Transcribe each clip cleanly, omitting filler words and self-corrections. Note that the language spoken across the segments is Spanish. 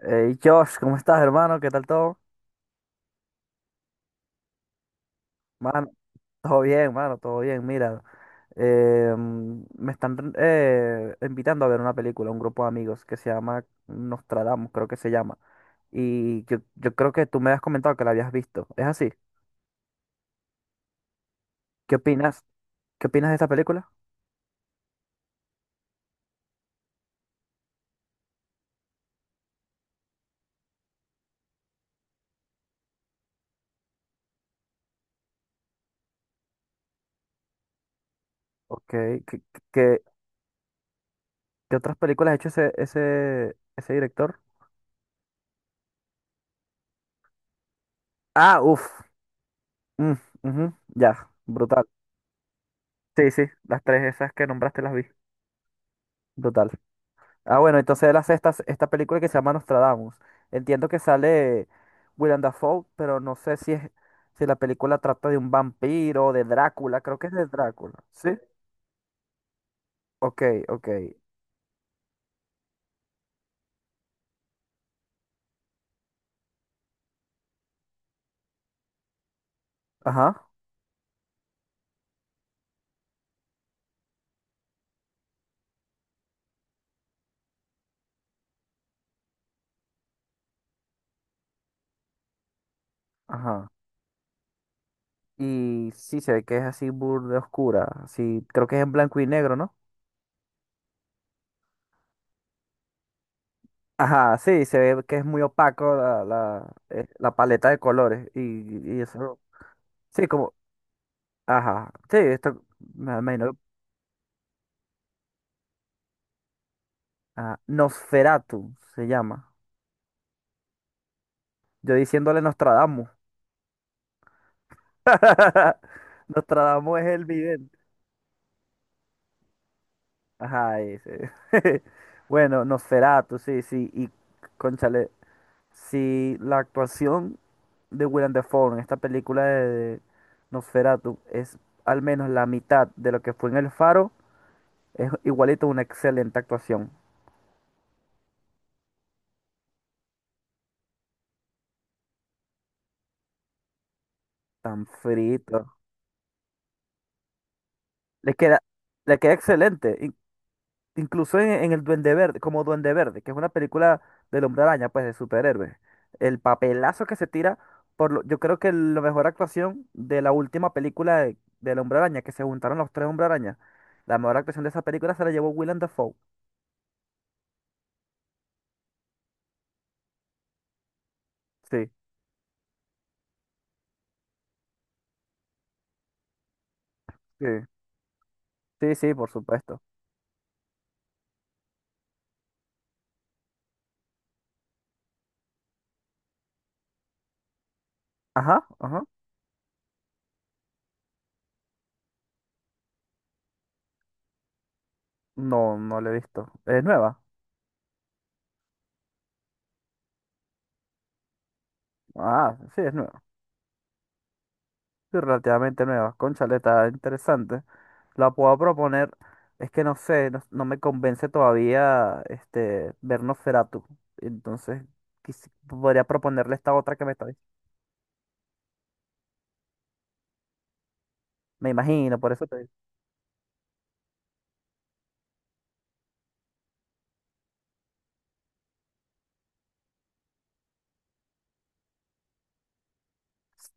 Hey, Josh, ¿cómo estás, hermano? ¿Qué tal todo? Mano, todo bien, mano, todo bien. Mira, me están invitando a ver una película, un grupo de amigos que se llama Nostradamus, creo que se llama. Yo creo que tú me has comentado que la habías visto. ¿Es así? ¿Qué opinas? ¿Qué opinas de esta película? Ok. ¿Qué, qué, qué- Qué otras películas ha hecho ese director? Ah, uff, ya, brutal. Sí, sí, las tres esas que nombraste las vi. Brutal. Ah, bueno, entonces él hace esta película que se llama Nostradamus. Entiendo que sale Willem Dafoe, pero no sé si es, si la película trata de un vampiro, de Drácula, creo que es de Drácula. ¿Sí? Ok, ok. Ajá, ajá. Y sí se ve que es así burda oscura. Sí, creo que es en blanco y negro, ¿no? Ajá, sí, se ve que es muy opaco la paleta de colores. Y eso. Sí, como. Ajá. Sí, esto me imagino. Ah, Nosferatu se llama. Yo diciéndole Nostradamus. Nostradamus es el vidente. Ajá, ese. Bueno, Nosferatu, sí, sí. Y, cónchale, si la actuación de Willem Dafoe en esta película de Nosferatu es al menos la mitad de lo que fue en El Faro, es igualito una excelente actuación. Tan frito. Le queda, le queda excelente. Incluso en el Duende Verde, como Duende Verde, que es una película del Hombre Araña, pues de superhéroes. El papelazo que se tira, yo creo que la mejor actuación de la última película de, del Hombre Araña, que se juntaron los tres Hombre Araña, la mejor actuación de esa película se la llevó Willem Dafoe. Sí, sí, sí, sí, por supuesto. Ajá, ajá. No, no la he visto. ¿Es nueva? Ah, sí, es nueva. Sí, relativamente nueva. Cónchale, está interesante. La puedo proponer. Es que no sé, no, no me convence todavía este, ver Nosferatu. Entonces, podría proponerle esta otra que me está diciendo. Me imagino, por eso te digo.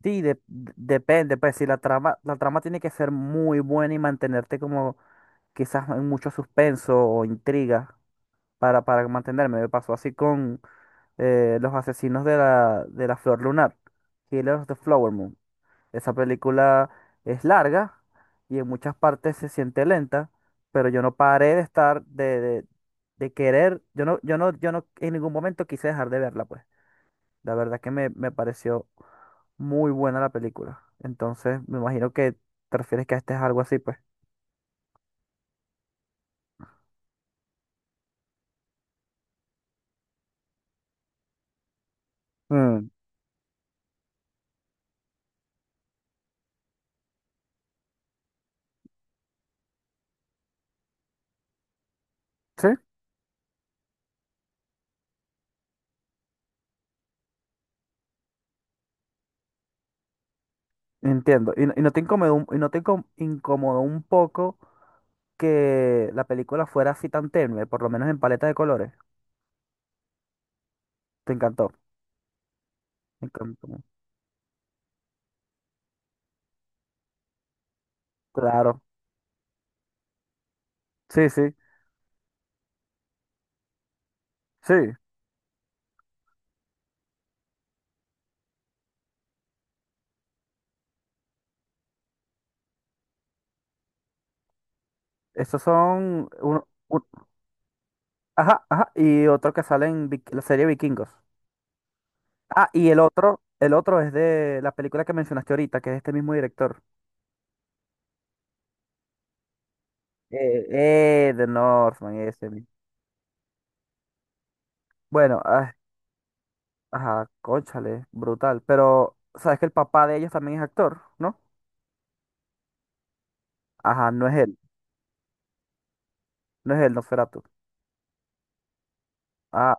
Sí, depende, pues si la trama, la trama tiene que ser muy buena y mantenerte como quizás en mucho suspenso o intriga para mantenerme. Me pasó así con los asesinos de la Flor Lunar, Killers of the Flower Moon. Esa película es larga y en muchas partes se siente lenta, pero yo no paré de estar, de querer, yo no en ningún momento quise dejar de verla, pues. La verdad que me pareció muy buena la película. Entonces, me imagino que te refieres que este es algo así, pues. Mm, sí, entiendo. Y, y no te incomodó, un- y no te incom- incomodó un poco que la película fuera así tan tenue, por lo menos en paleta de colores. Te encantó. Me encantó. Claro. Sí, sí. Sí, esos son uno, un- ajá, ajá, y otro que sale en la serie Vikingos. Ah, y el otro es de la película que mencionaste ahorita, que es este mismo director. Eh, The Northman, ese mismo. Bueno, ah, ajá, cónchale, brutal. Pero, ¿sabes que el papá de ellos también es actor, ¿no? Ajá, no es él, no es él, Nosferatu. Ah,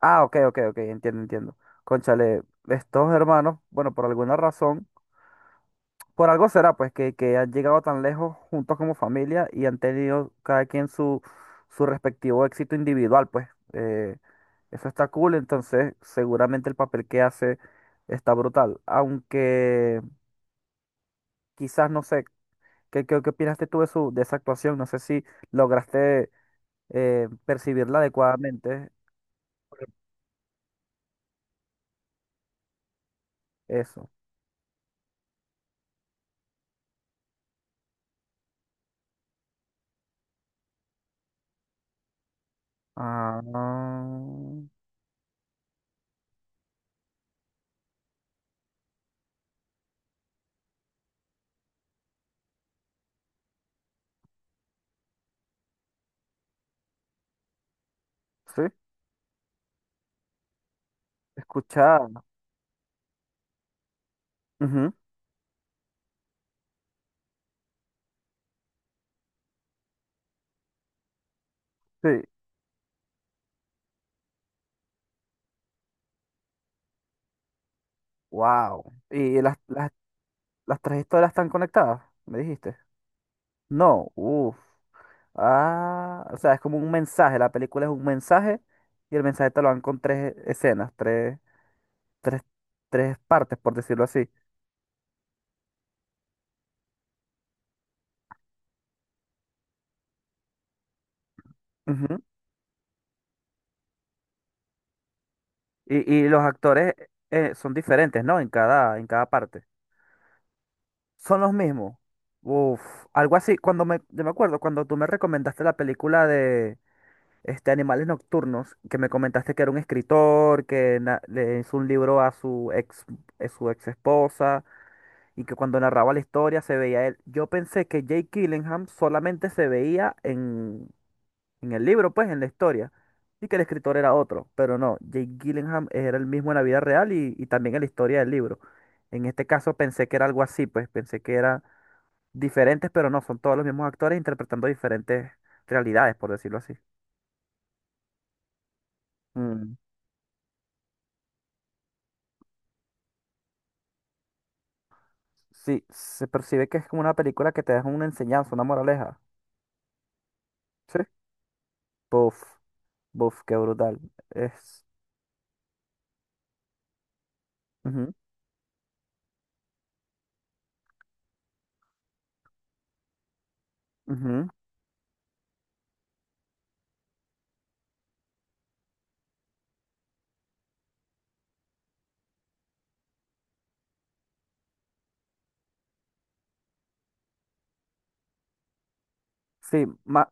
ah, ok, ok, ok, entiendo, entiendo. Cónchale, estos hermanos, bueno, por alguna razón. Por algo será, pues, que han llegado tan lejos juntos como familia y han tenido cada quien su, su respectivo éxito individual, pues. Eso está cool, entonces seguramente el papel que hace está brutal. Aunque quizás, no sé, ¿qué opinaste tú de, su, de esa actuación? No sé si lograste percibirla adecuadamente. Eso. Ah, sí, escuchar. Ujú, sí, wow. Y las las tres historias están conectadas, me dijiste. No, uff. Ah, o sea, es como un mensaje. La película es un mensaje y el mensaje te lo dan con tres escenas, tres, tres partes, por decirlo así. Ujú. Y los actores son diferentes, ¿no? En cada parte. Son los mismos. Uf, algo así. Cuando me, yo me acuerdo, cuando tú me recomendaste la película de este, Animales Nocturnos, que me comentaste que era un escritor, le hizo un libro a su ex esposa y que cuando narraba la historia se veía él. Yo pensé que Jake Gyllenhaal solamente se veía en el libro, pues, en la historia, y que el escritor era otro, pero no, Jake Gyllenhaal era el mismo en la vida real y también en la historia del libro. En este caso pensé que era algo así, pues, pensé que eran diferentes, pero no, son todos los mismos actores interpretando diferentes realidades, por decirlo así. Mm, sí, se percibe que es como una película que te deja una enseñanza, una moraleja. Sí. Buf, buf, qué brutal. Es. Ujú, ujú. Sí,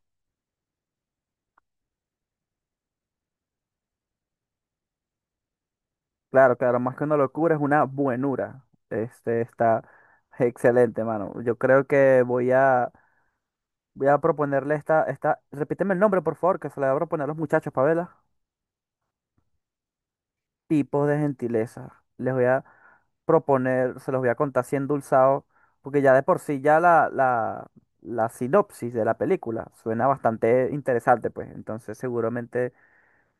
claro, claro, más que una locura es una buenura. Este está excelente, mano. Yo creo que voy a proponerle esta repíteme el nombre, por favor, que se le voy a proponer a los muchachos, Pavela. Tipos de gentileza. Les voy a proponer, se los voy a contar así endulzado, porque ya de por sí ya la sinopsis de la película suena bastante interesante, pues. Entonces, seguramente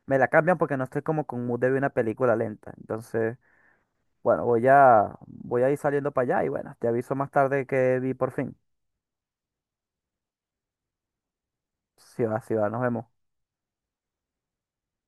me la cambian porque no estoy como con mood de ver una película lenta. Entonces, bueno, voy a ir saliendo para allá y bueno, te aviso más tarde que vi por fin. Si va, si va, nos vemos.